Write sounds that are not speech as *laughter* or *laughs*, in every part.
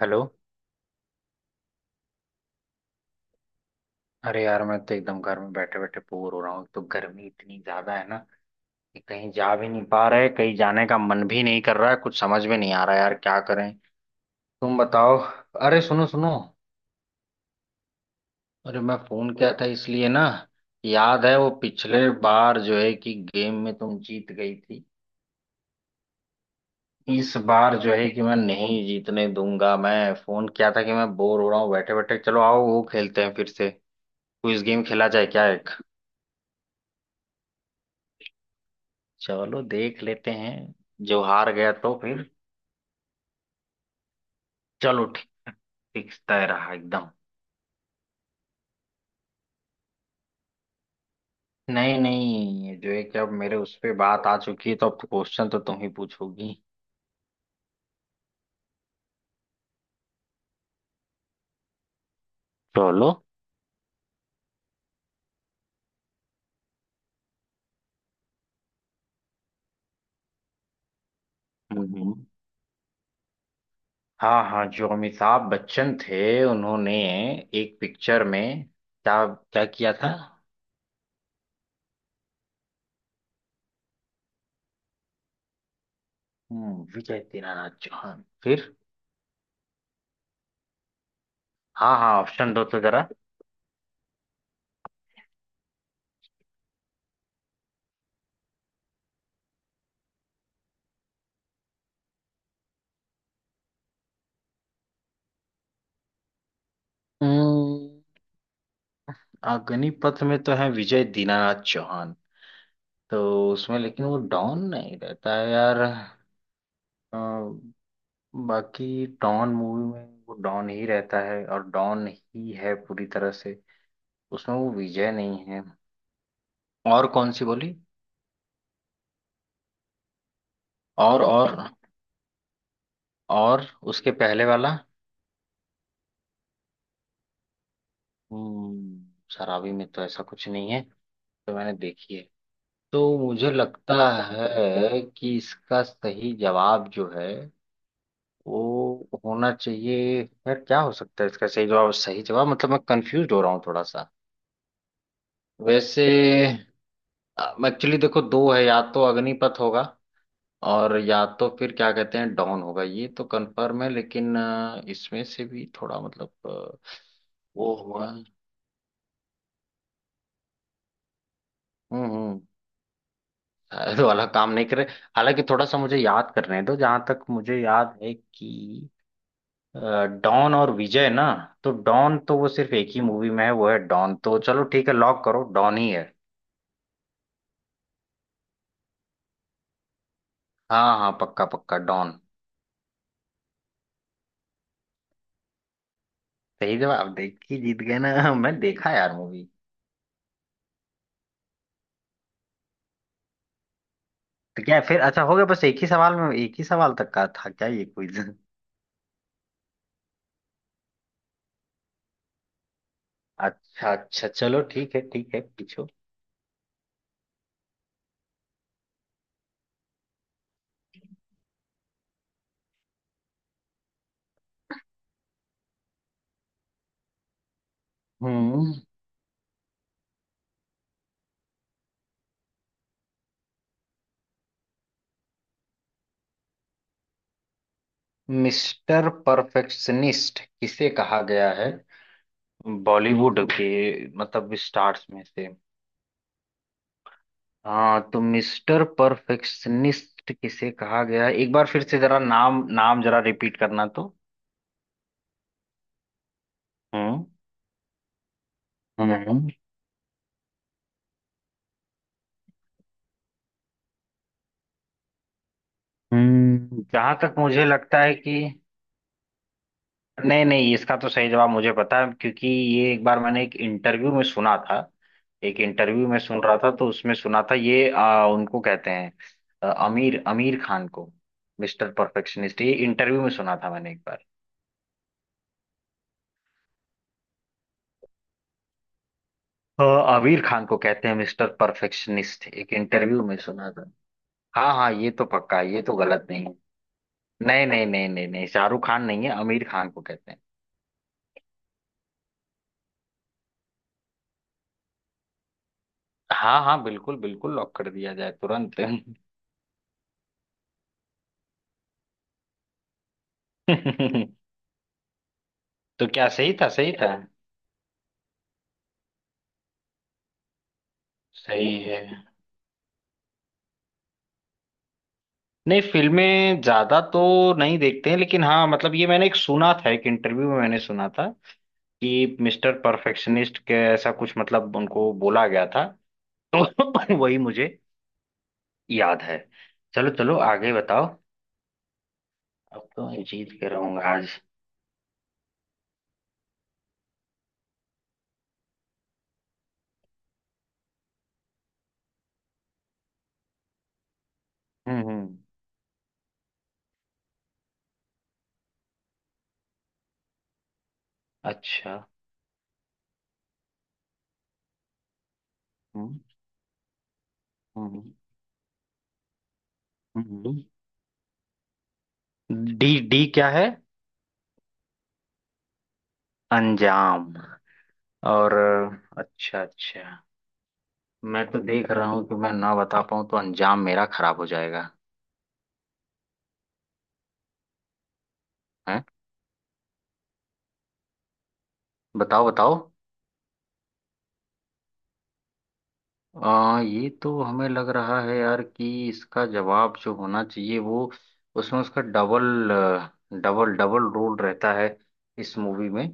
Hello. अरे यार, मैं तो एकदम घर में बैठे बैठे बोर हो रहा हूँ। एक तो गर्मी इतनी ज्यादा है ना कि कहीं जा भी नहीं पा रहे, कहीं जाने का मन भी नहीं कर रहा है। कुछ समझ में नहीं आ रहा यार, क्या करें। तुम बताओ। अरे सुनो सुनो। अरे मैं फोन किया था इसलिए ना। याद है वो पिछले बार जो है कि गेम में तुम जीत गई थी। इस बार जो है कि मैं नहीं जीतने दूंगा। मैं फोन किया था कि मैं बोर हो रहा हूँ बैठे बैठे, चलो आओ वो खेलते हैं फिर से। क्विज गेम खेला जाए क्या एक। चलो देख लेते हैं। जो हार गया तो फिर। चलो ठीक। फिक्स तय रहा एकदम। नहीं नहीं, ये जो है कि अब मेरे उस पे बात आ चुकी है, तो अब क्वेश्चन तो तुम ही पूछोगी। चलो। हम्म। हाँ हाँ, जो अमिताभ बच्चन थे उन्होंने एक पिक्चर में क्या क्या किया था। विजय दीनानाथ चौहान फिर। हाँ हाँ, ऑप्शन दो तो जरा। हम्म, अग्निपथ में तो है विजय दीनानाथ चौहान। तो उसमें लेकिन वो डॉन नहीं रहता है यार। अ, बाकी डॉन मूवी में वो डॉन ही रहता है और डॉन ही है पूरी तरह से। उसमें वो विजय नहीं है। और कौन सी बोली। और और और उसके पहले वाला। हम्म, शराबी में तो ऐसा कुछ नहीं है, तो मैंने देखी है। तो मुझे लगता है कि इसका सही जवाब जो है वो होना चाहिए। यार क्या हो सकता है इसका सही जवाब? सही जवाब मतलब मैं कंफ्यूज हो रहा हूँ थोड़ा सा वैसे। एक्चुअली देखो दो है, या तो अग्निपथ होगा और या तो फिर क्या कहते हैं डॉन होगा, ये तो कंफर्म है लेकिन इसमें से भी थोड़ा मतलब वो हुआ। हम्म शायद *laughs* वाला काम नहीं करे। हालांकि थोड़ा सा मुझे याद करने दो, जहां तक मुझे याद है कि अ, डॉन और विजय ना, तो डॉन तो वो सिर्फ एक ही मूवी में है, वो है डॉन। तो चलो ठीक है, लॉक करो, डॉन ही है। हाँ हाँ, पक्का पक्का डॉन। सही जवाब देख के जीत गए ना *laughs* मैं देखा यार मूवी। तो क्या फिर अच्छा हो गया? बस एक ही सवाल में? एक ही सवाल तक का था क्या ये क्विज? अच्छा अच्छा, चलो ठीक है ठीक है, पूछो। हम्म। मिस्टर परफेक्शनिस्ट किसे कहा गया है? बॉलीवुड के मतलब स्टार्स में से? हाँ, तो मिस्टर परफेक्शनिस्ट किसे कहा गया है, एक बार फिर से जरा नाम नाम जरा रिपीट करना तो। हम्म। हम्म। जहाँ तक मुझे लगता है कि नहीं नहीं, इसका तो सही जवाब मुझे पता है, क्योंकि ये एक बार मैंने एक इंटरव्यू में सुना था। एक इंटरव्यू में सुन रहा था, तो उसमें सुना था ये। उनको कहते हैं आमिर आमिर खान को मिस्टर परफेक्शनिस्ट। ये इंटरव्यू में सुना था मैंने एक बार। अ, आमिर खान को कहते हैं मिस्टर परफेक्शनिस्ट, एक इंटरव्यू में सुना था। हाँ हाँ, ये तो पक्का है, ये तो गलत नहीं है। नहीं नहीं नहीं नहीं नहीं, शाहरुख खान नहीं है, आमिर खान को कहते हैं। हाँ हाँ, बिल्कुल बिल्कुल, लॉक कर दिया जाए तुरंत। *laughs* तो क्या सही था? सही था? सही है। नहीं, फिल्में ज्यादा तो नहीं देखते हैं, लेकिन हाँ, मतलब ये मैंने एक सुना था, एक इंटरव्यू में मैंने सुना था कि मिस्टर परफेक्शनिस्ट के ऐसा कुछ मतलब उनको बोला गया था। तो *laughs* वही मुझे याद है। चलो चलो, आगे बताओ। अब तो मैं जीत के रहूंगा आज। हम्म। अच्छा। हम्म। हम्म। हम्म। हम्म। डी डी क्या है? अंजाम? और अच्छा अच्छा। मैं तो देख रहा हूँ कि मैं ना बता पाऊँ तो अंजाम मेरा खराब हो जाएगा। हैं? बताओ बताओ। ये तो हमें लग रहा है यार कि इसका जवाब जो होना चाहिए वो उसमें उसका डबल डबल डबल रोल रहता है इस मूवी में।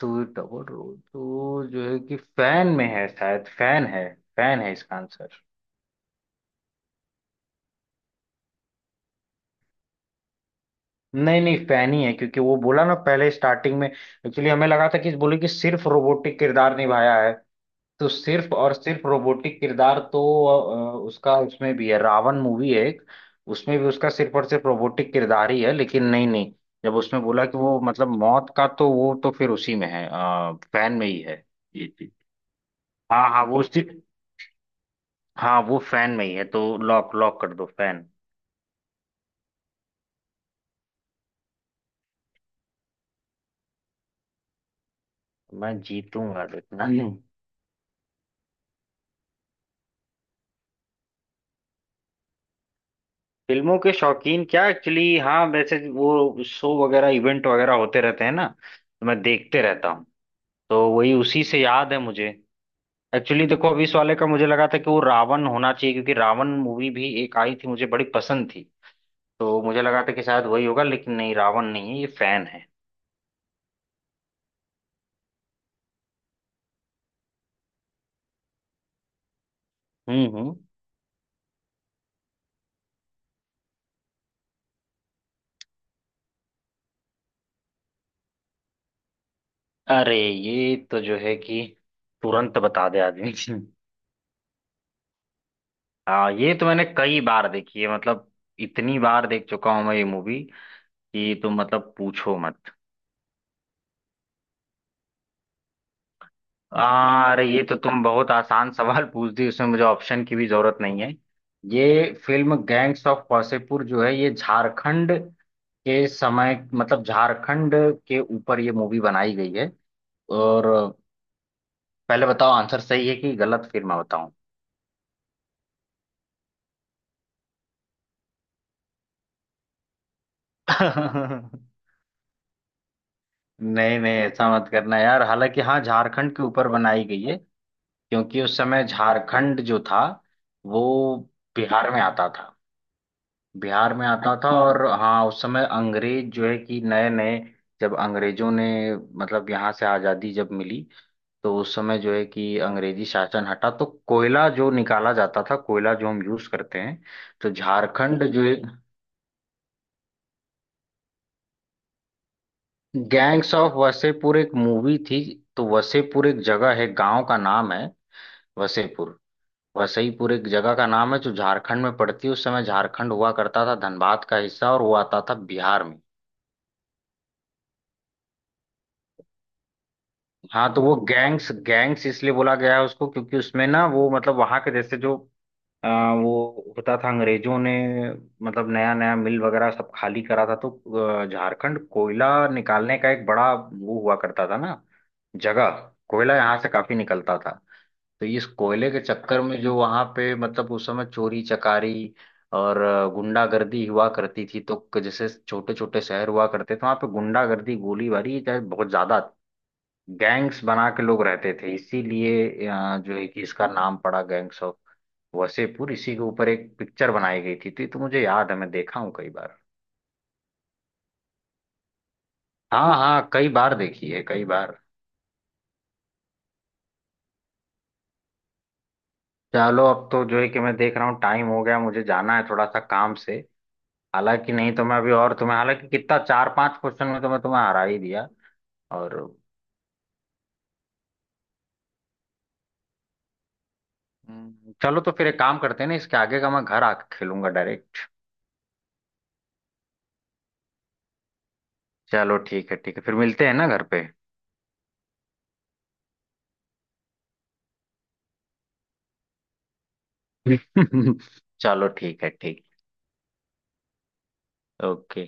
तो डबल रोल तो जो है कि फैन में है शायद। फैन है। फैन है इसका आंसर। नहीं नहीं, फैन ही है, क्योंकि वो बोला ना पहले स्टार्टिंग में। एक्चुअली हमें लगा था कि बोले कि सिर्फ रोबोटिक किरदार निभाया है। तो सिर्फ और सिर्फ रोबोटिक किरदार तो उसका उसमें भी है। रावण मूवी है एक, उसमें भी उसका सिर्फ और सिर्फ रोबोटिक किरदार ही है, लेकिन नहीं नहीं। जब उसमें बोला कि वो मतलब मौत का, तो वो तो फिर उसी में है। फैन में ही है। जी जी, हाँ हाँ, वो उसी। हाँ वो फैन में ही है, तो लॉक लॉक कर दो फैन। मैं जीतूंगा देखना। हम्म। फिल्मों के शौकीन क्या? एक्चुअली हाँ, वैसे वो शो वगैरह इवेंट वगैरह होते रहते हैं ना, तो मैं देखते रहता हूँ। तो वही उसी से याद है मुझे। एक्चुअली देखो, अभी इस वाले का मुझे लगा था कि वो रावण होना चाहिए, क्योंकि रावण मूवी भी एक आई थी, मुझे बड़ी पसंद थी। तो मुझे लगा था कि शायद वही होगा, लेकिन नहीं, रावण नहीं है, ये फैन है। हम्म। हम्म। अरे ये तो जो है कि तुरंत बता दे आदमी *laughs* हाँ ये तो मैंने कई बार देखी है, मतलब इतनी बार देख चुका हूँ मैं ये मूवी कि तुम मतलब पूछो मत। अरे ये तो तुम बहुत आसान सवाल पूछ दी, उसमें मुझे ऑप्शन की भी जरूरत नहीं है। ये फिल्म गैंग्स ऑफ वासेपुर जो है, ये झारखंड के समय मतलब झारखंड के ऊपर ये मूवी बनाई गई है। और पहले बताओ आंसर सही है कि गलत, फिर मैं बताऊं। *laughs* नहीं नहीं, ऐसा मत करना यार। हालांकि हाँ, झारखंड के ऊपर बनाई गई है, क्योंकि उस समय झारखंड जो था वो बिहार में आता था। बिहार में आता था। अच्छा, और हाँ, उस समय अंग्रेज जो है कि नए नए, जब अंग्रेजों ने मतलब यहाँ से आज़ादी जब मिली, तो उस समय जो है कि अंग्रेजी शासन हटा, तो कोयला जो निकाला जाता था, कोयला जो हम यूज करते हैं, तो झारखंड जो है। गैंग्स ऑफ वसेपुर एक मूवी थी। तो वसेपुर एक जगह है, गांव का नाम है। वसेपुर वसईपुर एक जगह का नाम है, जो झारखंड में पड़ती है। उस समय झारखंड हुआ करता था धनबाद का हिस्सा, और वो आता था बिहार में। हाँ, तो वो गैंग्स गैंग्स इसलिए बोला गया है उसको क्योंकि उसमें ना वो मतलब वहां के जैसे जो अ, वो होता था। अंग्रेजों ने मतलब नया नया मिल वगैरह सब खाली करा था, तो झारखंड कोयला निकालने का एक बड़ा वो हुआ करता था ना, जगह। कोयला यहाँ से काफी निकलता था। तो इस कोयले के चक्कर में जो वहां पे मतलब उस समय चोरी चकारी और गुंडागर्दी हुआ करती थी। तो जैसे छोटे छोटे शहर हुआ करते थे, वहां पे गुंडागर्दी गोलीबारी ये बहुत ज्यादा, गैंग्स बना के लोग रहते थे। इसीलिए जो है कि इसका नाम पड़ा गैंग्स ऑफ वसेपुर। इसी के ऊपर एक पिक्चर बनाई गई थी। तो ये तो मुझे याद है, मैं देखा हूँ कई बार। हाँ हाँ, कई बार देखी है, कई बार। चलो, अब तो जो है कि मैं देख रहा हूँ टाइम हो गया, मुझे जाना है थोड़ा सा काम से। हालांकि नहीं तो मैं अभी और तुम्हें, हालांकि कितना चार पांच क्वेश्चन में तो मैं तुम्हें हरा ही दिया, और चलो, तो फिर एक काम करते हैं ना, इसके आगे का मैं घर आके खेलूंगा डायरेक्ट। चलो ठीक है ठीक है, फिर मिलते हैं ना घर पे। *laughs* चलो ठीक है, ठीक। ओके।